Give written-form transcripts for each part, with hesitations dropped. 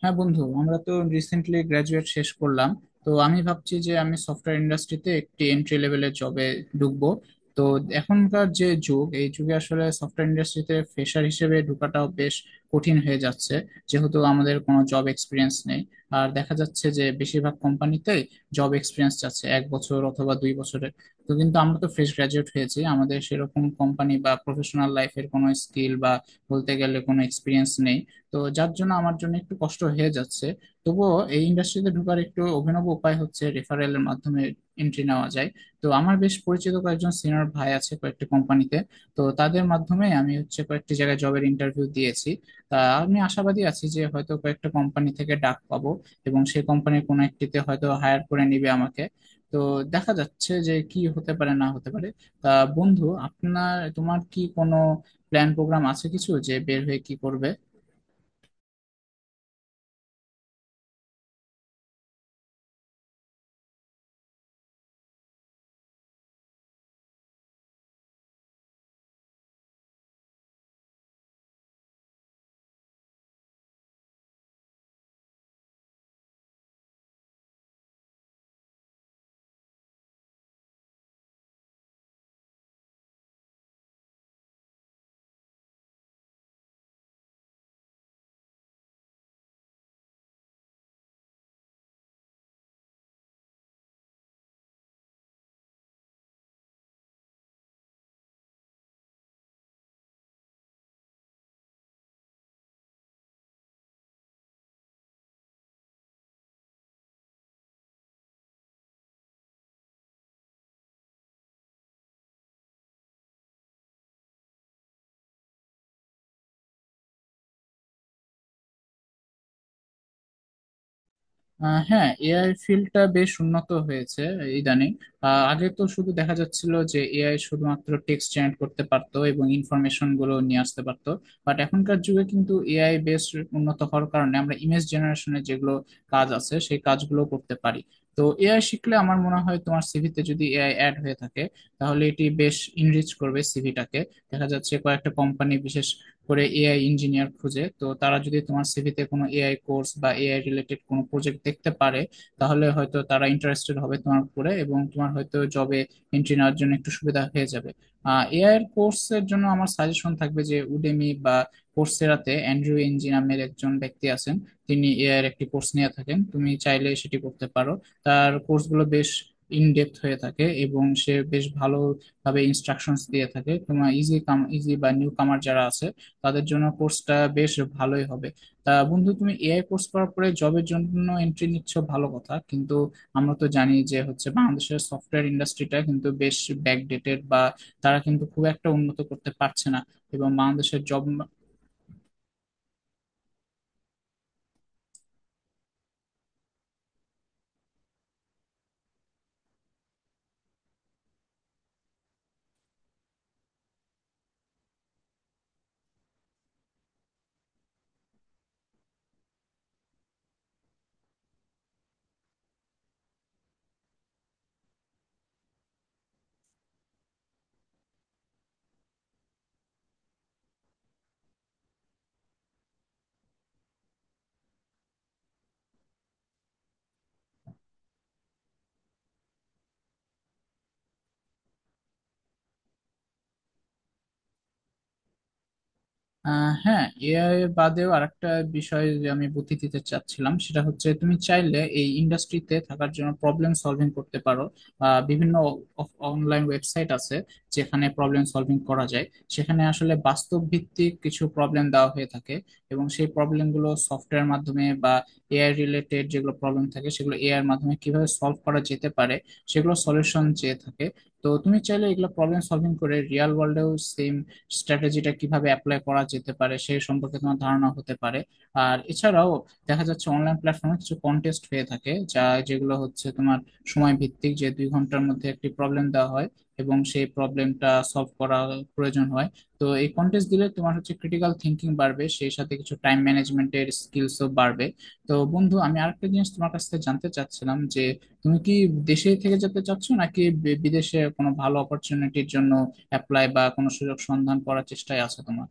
হ্যাঁ বন্ধু, আমরা তো রিসেন্টলি গ্রাজুয়েট শেষ করলাম। তো আমি ভাবছি যে আমি সফটওয়্যার ইন্ডাস্ট্রিতে একটি এন্ট্রি লেভেলের জবে ঢুকবো। তো এখনকার যে যুগ, এই যুগে আসলে সফটওয়্যার ইন্ডাস্ট্রিতে ফ্রেশার হিসেবে ঢোকাটাও বেশ কঠিন হয়ে যাচ্ছে, যেহেতু আমাদের কোনো জব এক্সপিরিয়েন্স নেই। আর দেখা যাচ্ছে যে বেশিরভাগ কোম্পানিতেই জব এক্সপিরিয়েন্স চাচ্ছে 1 বছর অথবা 2 বছরের। তো কিন্তু আমরা তো ফ্রেশ গ্রাজুয়েট হয়েছি, আমাদের সেরকম কোম্পানি বা প্রফেশনাল লাইফের কোনো স্কিল বা বলতে গেলে কোনো এক্সপিরিয়েন্স নেই। তো যার জন্য আমার জন্য একটু কষ্ট হয়ে যাচ্ছে। তবুও এই ইন্ডাস্ট্রিতে ঢোকার একটু অভিনব উপায় হচ্ছে রেফারেলের মাধ্যমে এন্ট্রি নেওয়া যায়। তো আমার বেশ পরিচিত কয়েকজন সিনিয়র ভাই আছে কয়েকটি কোম্পানিতে। তো তাদের মাধ্যমে আমি হচ্ছে কয়েকটি জায়গায় জবের ইন্টারভিউ দিয়েছি। তা আমি আশাবাদী আছি যে হয়তো কয়েকটা কোম্পানি থেকে ডাক পাবো এবং সেই কোম্পানির কোনো একটিতে হয়তো হায়ার করে নিবে আমাকে। তো দেখা যাচ্ছে যে কি হতে পারে না হতে পারে। তা বন্ধু, তোমার কি কোনো প্ল্যান প্রোগ্রাম আছে কিছু যে বের হয়ে কি করবে? হ্যাঁ, এআই ফিল্ডটা বেশ উন্নত হয়েছে ইদানিং। আগে তো শুধু দেখা যাচ্ছিল যে এআই শুধুমাত্র টেক্সট জেনারেট করতে পারতো এবং ইনফরমেশন গুলো নিয়ে আসতে পারতো। বাট এখনকার যুগে কিন্তু এআই বেশ উন্নত হওয়ার কারণে আমরা ইমেজ জেনারেশনের যেগুলো কাজ আছে সেই কাজগুলো করতে পারি। তো এআই শিখলে আমার মনে হয় তোমার সিভিতে যদি এআই অ্যাড হয়ে থাকে, তাহলে এটি বেশ ইনরিচ করবে সিভিটাকে। দেখা যাচ্ছে কয়েকটা কোম্পানি বিশেষ করে এআই ইঞ্জিনিয়ার খুঁজে, তো তারা যদি তোমার সিভিতে কোনো এআই কোর্স বা এআই রিলেটেড কোনো প্রজেক্ট দেখতে পারে, তাহলে হয়তো তারা ইন্টারেস্টেড হবে তোমার উপরে এবং তোমার হয়তো জবে এন্ট্রি নেওয়ার জন্য একটু সুবিধা হয়ে যাবে। এআই এর কোর্সের জন্য আমার সাজেশন থাকবে যে উডেমি বা কোর্সেরাতে অ্যান্ড্রু ইঞ্জি নামের একজন ব্যক্তি আছেন, তিনি এআই এর একটি কোর্স নিয়ে থাকেন, তুমি চাইলে সেটি করতে পারো। তার কোর্সগুলো বেশ ইনডেপথ হয়ে থাকে এবং সে বেশ ভালোভাবে ইনস্ট্রাকশনস দিয়ে থাকে। তোমার ইজি কাম ইজি বা নিউ কামার যারা আছে তাদের জন্য কোর্সটা বেশ ভালোই হবে। তা বন্ধু, তুমি এআই কোর্স করার পরে জবের জন্য এন্ট্রি নিচ্ছ ভালো কথা, কিন্তু আমরা তো জানি যে হচ্ছে বাংলাদেশের সফটওয়্যার ইন্ডাস্ট্রিটা কিন্তু বেশ ব্যাকডেটেড বা তারা কিন্তু খুব একটা উন্নত করতে পারছে না এবং বাংলাদেশের জব। আহ হ্যাঁ, এআই বাদেও আরেকটা বিষয় যে আমি বুদ্ধি দিতে চাচ্ছিলাম সেটা হচ্ছে তুমি চাইলে এই ইন্ডাস্ট্রিতে থাকার জন্য প্রবলেম সলভিং করতে পারো। বিভিন্ন অনলাইন ওয়েবসাইট আছে যেখানে প্রবলেম সলভিং করা যায়। সেখানে আসলে বাস্তব ভিত্তিক কিছু প্রবলেম দেওয়া হয়ে থাকে এবং সেই প্রবলেমগুলো সফটওয়্যার মাধ্যমে বা এআই রিলেটেড যেগুলো প্রবলেম থাকে সেগুলো এআই এর মাধ্যমে কিভাবে সলভ করা যেতে পারে সেগুলো সলিউশন চেয়ে থাকে। তো তুমি চাইলে এগুলো প্রবলেম সলভিং করে রিয়েল ওয়ার্ল্ডেও সেম স্ট্র্যাটেজিটা কিভাবে অ্যাপ্লাই করা যেতে পারে সেই সম্পর্কে তোমার ধারণা হতে পারে। আর এছাড়াও দেখা যাচ্ছে অনলাইন প্ল্যাটফর্মে কিছু কন্টেস্ট হয়ে থাকে যেগুলো হচ্ছে তোমার সময় ভিত্তিক, যে 2 ঘন্টার মধ্যে একটি প্রবলেম দেওয়া হয় এবং সেই প্রবলেমটা সলভ করা প্রয়োজন হয়। তো এই কন্টেস্ট দিলে তোমার হচ্ছে ক্রিটিক্যাল থিঙ্কিং বাড়বে, সেই সাথে কিছু টাইম ম্যানেজমেন্টের স্কিলসও বাড়বে। তো বন্ধু, আমি আরেকটা জিনিস তোমার কাছ থেকে জানতে চাচ্ছিলাম যে তুমি কি দেশে থেকে যেতে চাচ্ছ নাকি বিদেশে কোনো ভালো অপরচুনিটির জন্য অ্যাপ্লাই বা কোনো সুযোগ সন্ধান করার চেষ্টায় আছো তোমার?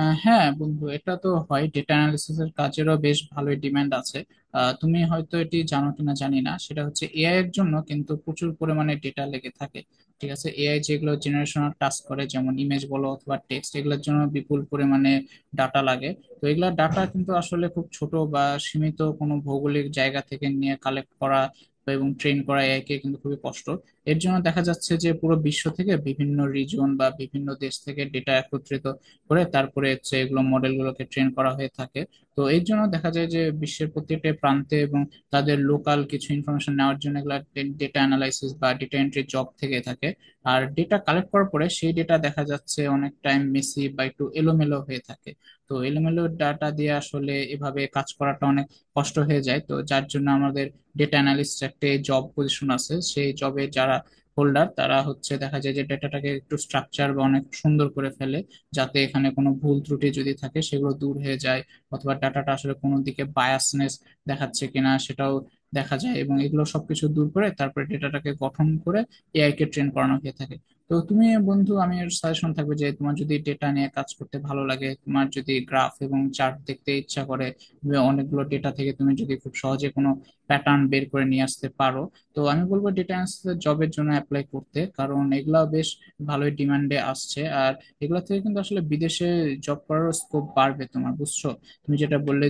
আহ হ্যাঁ বন্ধু, এটা তো হয়, ডেটা অ্যানালিসিস এর কাজেরও বেশ ভালোই ডিমান্ড আছে। তুমি হয়তো এটি জানো কিনা জানি না, সেটা হচ্ছে এআই এর জন্য কিন্তু প্রচুর পরিমাণে ডেটা লেগে থাকে। ঠিক আছে, এআই যেগুলো জেনারেশনাল টাস্ক করে যেমন ইমেজ বলো অথবা টেক্সট, এগুলোর জন্য বিপুল পরিমাণে ডাটা লাগে। তো এগুলা ডাটা কিন্তু আসলে খুব ছোট বা সীমিত কোনো ভৌগোলিক জায়গা থেকে নিয়ে কালেক্ট করা বা এবং ট্রেন করা এআই কে কিন্তু খুবই কষ্ট। এর জন্য দেখা যাচ্ছে যে পুরো বিশ্ব থেকে বিভিন্ন রিজন বা বিভিন্ন দেশ থেকে ডেটা একত্রিত করে তারপরে হচ্ছে এগুলো মডেলগুলোকে ট্রেন করা হয়ে থাকে। তো এর জন্য দেখা যায় যে বিশ্বের প্রত্যেকটা প্রান্তে এবং তাদের লোকাল কিছু ইনফরমেশন নেওয়ার জন্য এগুলো ডেটা অ্যানালাইসিস বা ডেটা এন্ট্রি জব থেকে থাকে। আর ডেটা কালেক্ট করার পরে সেই ডেটা দেখা যাচ্ছে অনেক টাইম মেসি বা একটু এলোমেলো হয়ে থাকে। তো এলোমেলো ডাটা দিয়ে আসলে এভাবে কাজ করাটা অনেক কষ্ট হয়ে যায়, তো যার জন্য আমাদের ডেটা অ্যানালিস্ট একটা জব পজিশন আছে, সেই জবে যারা হোল্ডার তারা হচ্ছে দেখা যায় যে ডেটাটাকে একটু স্ট্রাকচার বা অনেক সুন্দর করে ফেলে, যাতে এখানে কোনো ভুল ত্রুটি যদি থাকে সেগুলো দূর হয়ে যায়, অথবা ডাটাটা আসলে কোনো দিকে বায়াসনেস দেখাচ্ছে কিনা সেটাও দেখা যায় এবং এগুলো সবকিছু দূর করে তারপরে ডেটাটাকে গঠন করে এআই কে ট্রেন করানো হয়ে থাকে। তো তুমি বন্ধু, আমি সাজেশন থাকবে যে তোমার যদি ডেটা নিয়ে কাজ করতে ভালো লাগে, তোমার যদি গ্রাফ এবং চার্ট দেখতে ইচ্ছা করে, তুমি অনেকগুলো ডেটা থেকে তুমি যদি খুব সহজে কোনো প্যাটার্ন বের করে নিয়ে আসতে পারো, তো আমি বলবো ডেটা অ্যানালিসিস জবের জন্য অ্যাপ্লাই করতে, কারণ এগুলা বেশ ভালোই ডিমান্ডে আসছে আর এগুলা থেকে কিন্তু আসলে বিদেশে জব করার স্কোপ বাড়বে তোমার, বুঝছো তুমি যেটা বললে।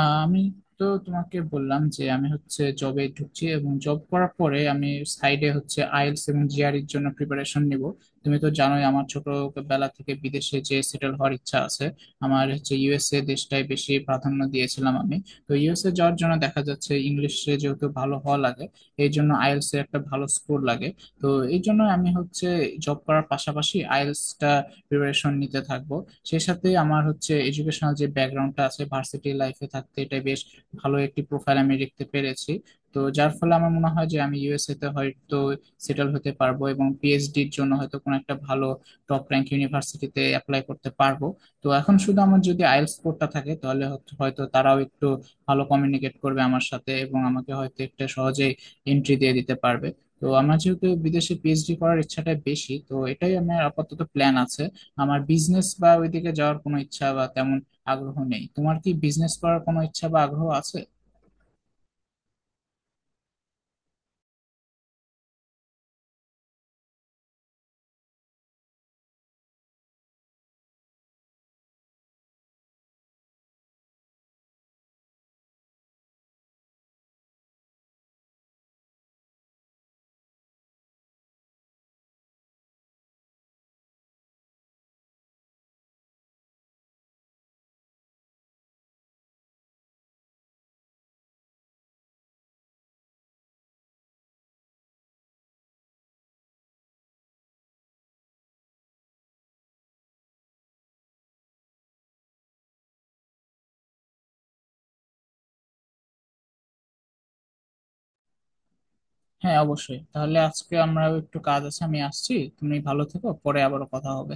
আমি তো তোমাকে বললাম যে আমি হচ্ছে জবে ঢুকছি এবং জব করার পরে আমি সাইডে হচ্ছে আইএলটিএস এবং জিআরইর জন্য প্রিপারেশন নিব। তুমি তো জানোই আমার ছোটবেলা থেকে বিদেশে যে সেটেল হওয়ার ইচ্ছা আছে। আমার হচ্ছে ইউএসএ দেশটাই বেশি প্রাধান্য দিয়েছিলাম আমি। তো ইউএসএ যাওয়ার জন্য দেখা যাচ্ছে ইংলিশে যেহেতু ভালো হওয়া লাগে, এই জন্য আইএলটিএস এর একটা ভালো স্কোর লাগে। তো এই জন্য আমি হচ্ছে জব করার পাশাপাশি আইএলটিএস টা প্রিপারেশন নিতে থাকবো। সেই সাথে আমার হচ্ছে এডুকেশনাল যে ব্যাকগ্রাউন্ডটা আছে ভার্সিটি লাইফে থাকতে, এটা বেশ ভালো একটি প্রোফাইল আমি দেখতে পেরেছি। তো যার ফলে আমার মনে হয় যে আমি ইউএসএ তে হয়তো সেটেল হতে পারবো এবং পিএইচডির জন্য হয়তো কোনো একটা ভালো টপ র্যাঙ্ক ইউনিভার্সিটিতে অ্যাপ্লাই করতে পারবো। তো এখন শুধু আমার যদি আইএলটিএস স্কোরটা থাকে তাহলে হয়তো হয়তো তারাও একটু ভালো কমিউনিকেট করবে আমার সাথে এবং আমাকে হয়তো একটা সহজেই এন্ট্রি দিয়ে দিতে পারবে। তো আমার যেহেতু বিদেশে পিএইচডি করার ইচ্ছাটা বেশি, তো এটাই আমার আপাতত প্ল্যান আছে। আমার বিজনেস বা ওইদিকে যাওয়ার কোনো ইচ্ছা বা তেমন আগ্রহ নেই। তোমার কি বিজনেস করার কোনো ইচ্ছা বা আগ্রহ আছে? হ্যাঁ অবশ্যই, তাহলে আজকে আমরাও একটু কাজ আছে, আমি আসছি। তুমি ভালো থেকো, পরে আবারও কথা হবে।